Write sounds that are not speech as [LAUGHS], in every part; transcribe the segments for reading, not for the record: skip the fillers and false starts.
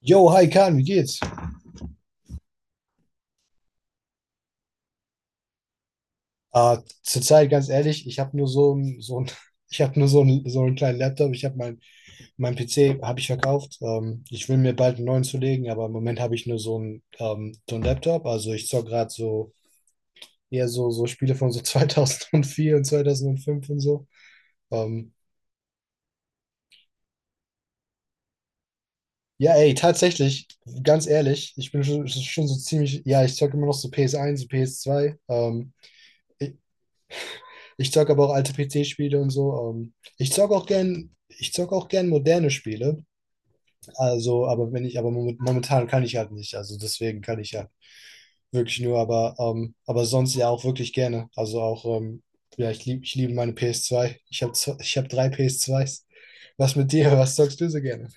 Yo, hi Kahn, wie geht's? Ah, zurzeit ganz ehrlich, ich habe nur so, [LAUGHS] ich habe nur so, ein, so einen kleinen Laptop. Mein PC habe ich verkauft. Ich will mir bald einen neuen zulegen, aber im Moment habe ich nur so einen Laptop. Also ich zocke gerade so eher so, so Spiele von so [LAUGHS] 2004 und 2005 und so. Ähm, ja, ey, tatsächlich, ganz ehrlich, ich bin schon so ziemlich, ja, ich zocke immer noch so ps eins und ps zwei. Ich zocke aber auch alte PC-Spiele und so. Ich zocke auch gern moderne Spiele. Also, aber wenn ich, aber moment- momentan kann ich halt nicht. Also deswegen kann ich ja wirklich nur, aber sonst ja auch wirklich gerne. Also auch, ja, ich liebe meine PS2. Ich hab drei PS2s. Was mit dir? Was zockst du so gerne?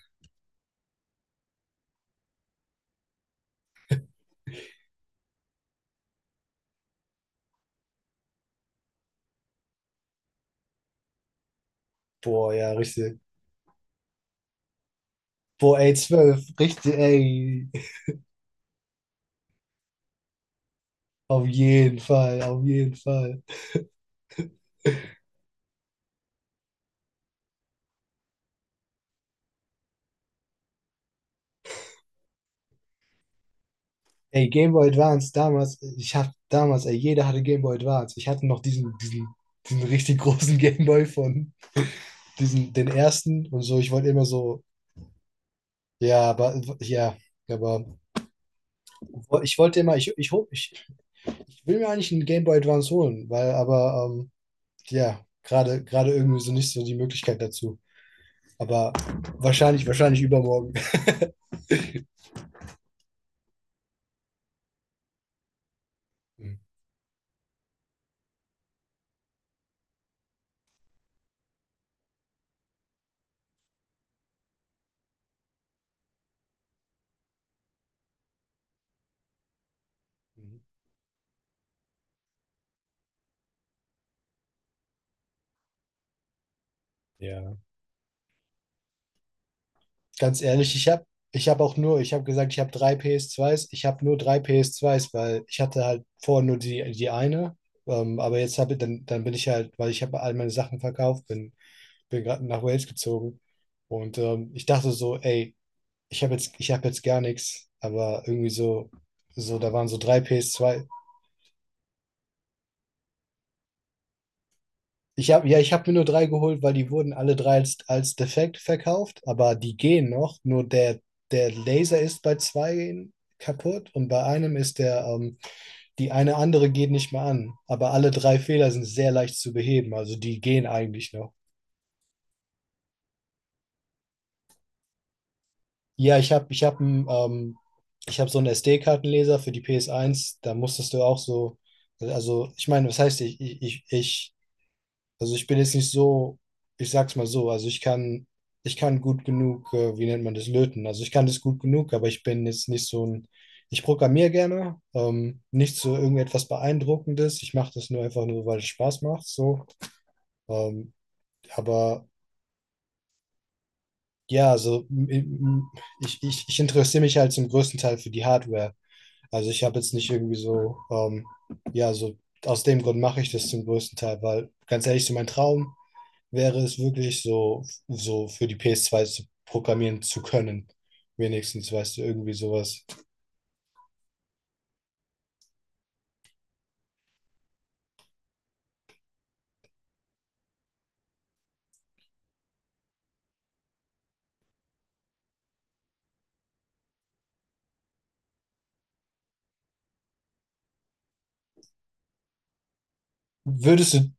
Boah, ja, richtig. Boah, ey, 12, richtig, ey. Auf jeden Fall, auf jeden Fall. Ey, Game Boy Advance damals, ich hab damals, ey, jeder hatte Game Boy Advance. Ich hatte noch diesen richtig großen [LAUGHS] Game Boy von diesen, den ersten und so. Ich wollte immer so, ja, aber ich wollte immer, ich will mir eigentlich einen Game Boy Advance holen, weil, aber, ja, gerade irgendwie so nicht so die Möglichkeit dazu. Aber wahrscheinlich übermorgen. [LAUGHS] Mhm. Ja. Ganz ehrlich, ich hab auch nur, ich habe gesagt, ich habe drei PS2s, ich habe nur drei PS2s, weil ich hatte halt vorher nur die eine, aber jetzt habe ich, dann bin ich halt, weil ich habe all meine Sachen verkauft, bin gerade nach Wales gezogen und ich dachte so, ey, ich habe jetzt gar nichts, aber irgendwie so, so, da waren so drei PS2. Ich habe ja, ich habe mir nur drei geholt, weil die wurden alle drei als defekt verkauft, aber die gehen noch. Nur der, der Laser ist bei zwei kaputt und bei einem ist der, die eine andere geht nicht mehr an. Aber alle drei Fehler sind sehr leicht zu beheben, also die gehen eigentlich noch. Ja, ich hab einen, ich hab so einen SD-Kartenleser für die PS1, da musstest du auch so, also ich meine, was heißt, ich also ich bin jetzt nicht so, ich sag's mal so, also ich kann gut genug, wie nennt man das, löten. Also ich kann das gut genug, aber ich bin jetzt nicht so ein, ich programmiere gerne, nicht so irgendetwas Beeindruckendes. Ich mache das nur einfach nur, weil es Spaß macht, so. Ähm, aber ja, ich interessiere mich halt zum größten Teil für die Hardware. Also ich habe jetzt nicht irgendwie so, ja, so aus dem Grund mache ich das zum größten Teil, weil ganz ehrlich, so mein Traum wäre es wirklich so, so für die PS2 zu programmieren zu können. Wenigstens, weißt du, irgendwie sowas. Würdest du,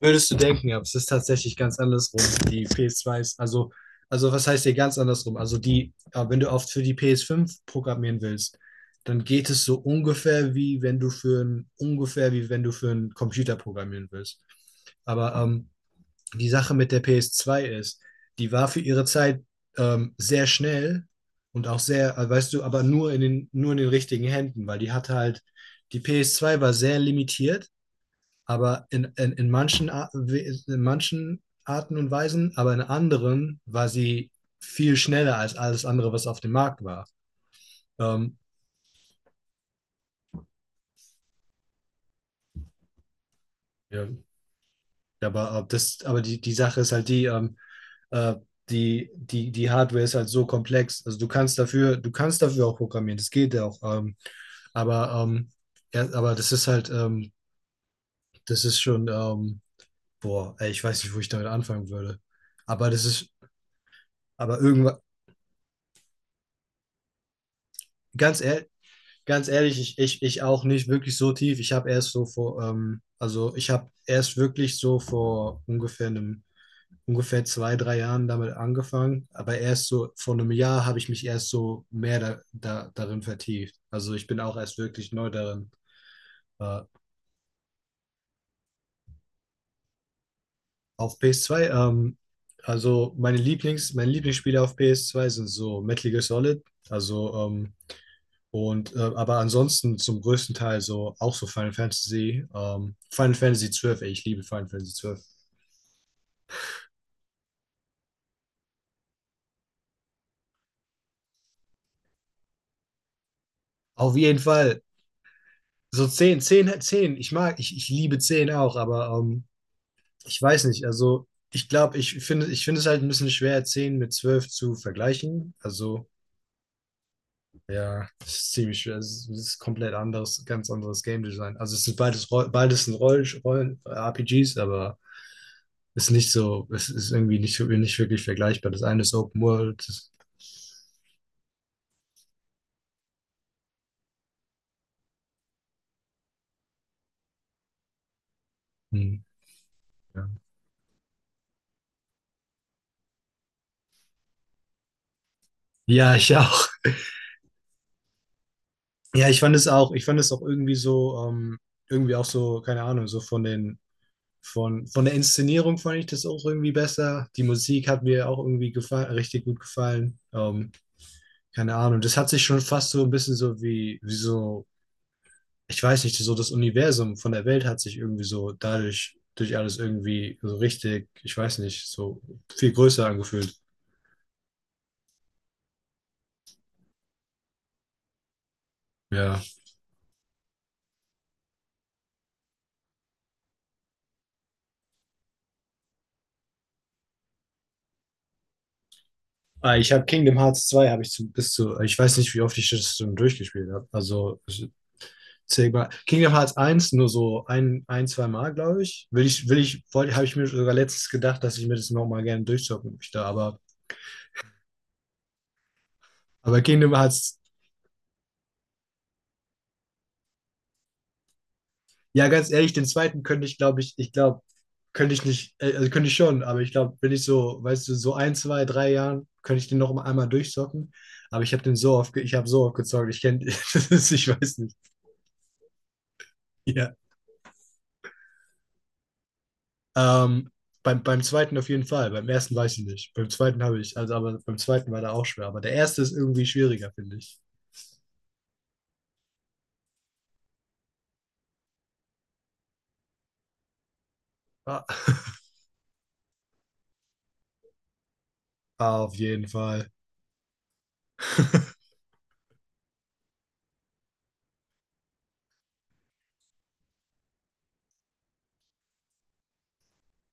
würdest du denken, aber es ist tatsächlich ganz andersrum. Die PS2 ist, also was heißt hier ganz andersrum? Also die, ja, wenn du oft für die PS5 programmieren willst, dann geht es so ungefähr wie wenn du für ein, ungefähr wie wenn du für einen Computer programmieren willst. Aber die Sache mit der PS2 ist, die war für ihre Zeit sehr schnell und auch sehr, weißt du, aber nur in den richtigen Händen, weil die hatte halt, die PS2 war sehr limitiert, aber in manchen Arten und Weisen, aber in anderen war sie viel schneller als alles andere, was auf dem Markt war. Ähm, Ja. Die Sache ist halt die, Äh, die Hardware ist halt so komplex. Also du kannst dafür auch programmieren, das geht ja auch. Aber, ähm, ja, aber das ist halt, das ist schon, boah, ey, ich weiß nicht, wo ich damit anfangen würde. Aber das ist, aber irgendwann, ganz ehrlich, ganz ehrlich, ich auch nicht wirklich so tief. Ich habe erst so vor, also ich habe erst wirklich so vor ungefähr zwei, drei Jahren damit angefangen, aber erst so vor einem Jahr habe ich mich erst so mehr darin vertieft. Also ich bin auch erst wirklich neu darin. Äh, auf PS2, also meine Lieblings, meine Lieblingsspiele auf PS2 sind so Metal Gear Solid, also aber ansonsten zum größten Teil so auch so Final Fantasy, Final Fantasy 12, ey, ich liebe Final Fantasy 12. Auf jeden Fall. So 10 10 10 ich mag, ich liebe 10 auch, aber ich weiß nicht, also ich glaube, ich finde es halt ein bisschen schwer, 10 mit 12 zu vergleichen. Also, ja, es ist ziemlich schwer. Es ist komplett anderes, ganz anderes Game Design. Also es sind beides, RPGs, aber es ist nicht so, es ist irgendwie nicht, so- nicht wirklich vergleichbar. Das eine ist Open World. Das, hm, ja. Ja, ich auch. Ja, ich fand es auch irgendwie so, irgendwie auch so, keine Ahnung, so von den von der Inszenierung fand ich das auch irgendwie besser. Die Musik hat mir auch irgendwie gefallen, richtig gut gefallen. Keine Ahnung. Das hat sich schon fast so ein bisschen so wie so, ich weiß nicht, so das Universum von der Welt hat sich irgendwie so dadurch, durch alles irgendwie so richtig, ich weiß nicht, so viel größer angefühlt. Ja. Ah, ich habe Kingdom Hearts zwei habe ich zu, bis zu, ich weiß nicht, wie oft ich das schon durchgespielt habe. Also Sigma. Kingdom Hearts eins nur so ein zwei Mal, glaube ich. Habe ich mir sogar letztens gedacht, dass ich mir das nochmal gerne durchzocken möchte, aber Kingdom Hearts, ja, ganz ehrlich, den zweiten könnte ich, glaube ich, könnte ich nicht, also könnte ich schon, aber ich glaube, wenn ich so, weißt du, so ein, zwei, drei Jahren, könnte ich den noch mal einmal durchzocken, aber ich habe den so oft, ich habe so oft gezockt, ich kenne, [LAUGHS] ich weiß nicht, ja. Ähm, beim zweiten auf jeden Fall. Beim ersten weiß ich nicht. Beim zweiten habe ich, also aber beim zweiten war der auch schwer. Aber der erste ist irgendwie schwieriger, finde ich. Ah. [LAUGHS] Auf jeden Fall.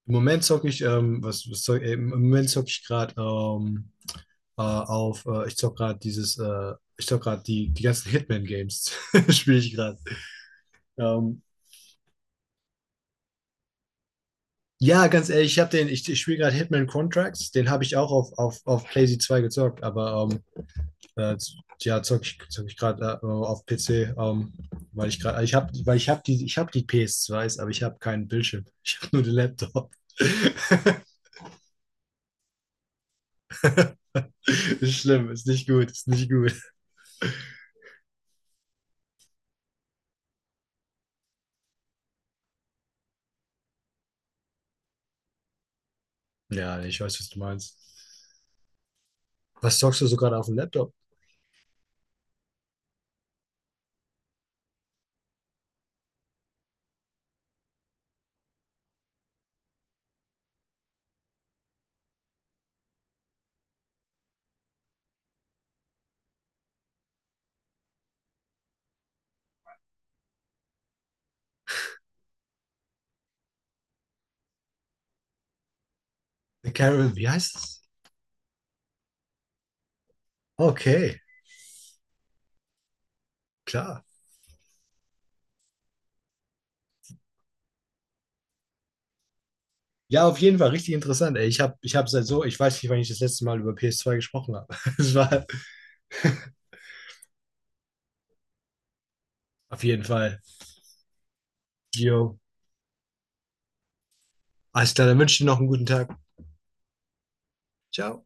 Im Moment zocke ich, im Moment zocke ich gerade auf, ich zocke gerade dieses, ich zocke gerade die ganzen Hitman-Games, [LAUGHS] spiele ich gerade. Ähm, ja, ganz ehrlich, ich spiele gerade Hitman Contracts, den habe ich auch auf PlayZ 2 gezockt, aber Äh, ja, zock ich gerade auf PC, ähm, weil ich gerade, ich habe, weil ich habe die PS2s, aber ich habe keinen Bildschirm. [LAUGHS] Ich habe nur den Laptop. [LAUGHS] Ist schlimm, ist nicht gut, ist nicht gut. Ja, nee, ich weiß, was du meinst. Was zockst du so gerade auf dem Laptop? Carol, wie heißt es? Okay, klar. Ja, auf jeden Fall richtig interessant. Ey. Ich habe seit so, ich weiß nicht, wann ich das letzte Mal über PS2 gesprochen habe. [LAUGHS] Es war auf jeden Fall. Jo, alles klar, dann wünsche ich dir noch einen guten Tag. Ciao.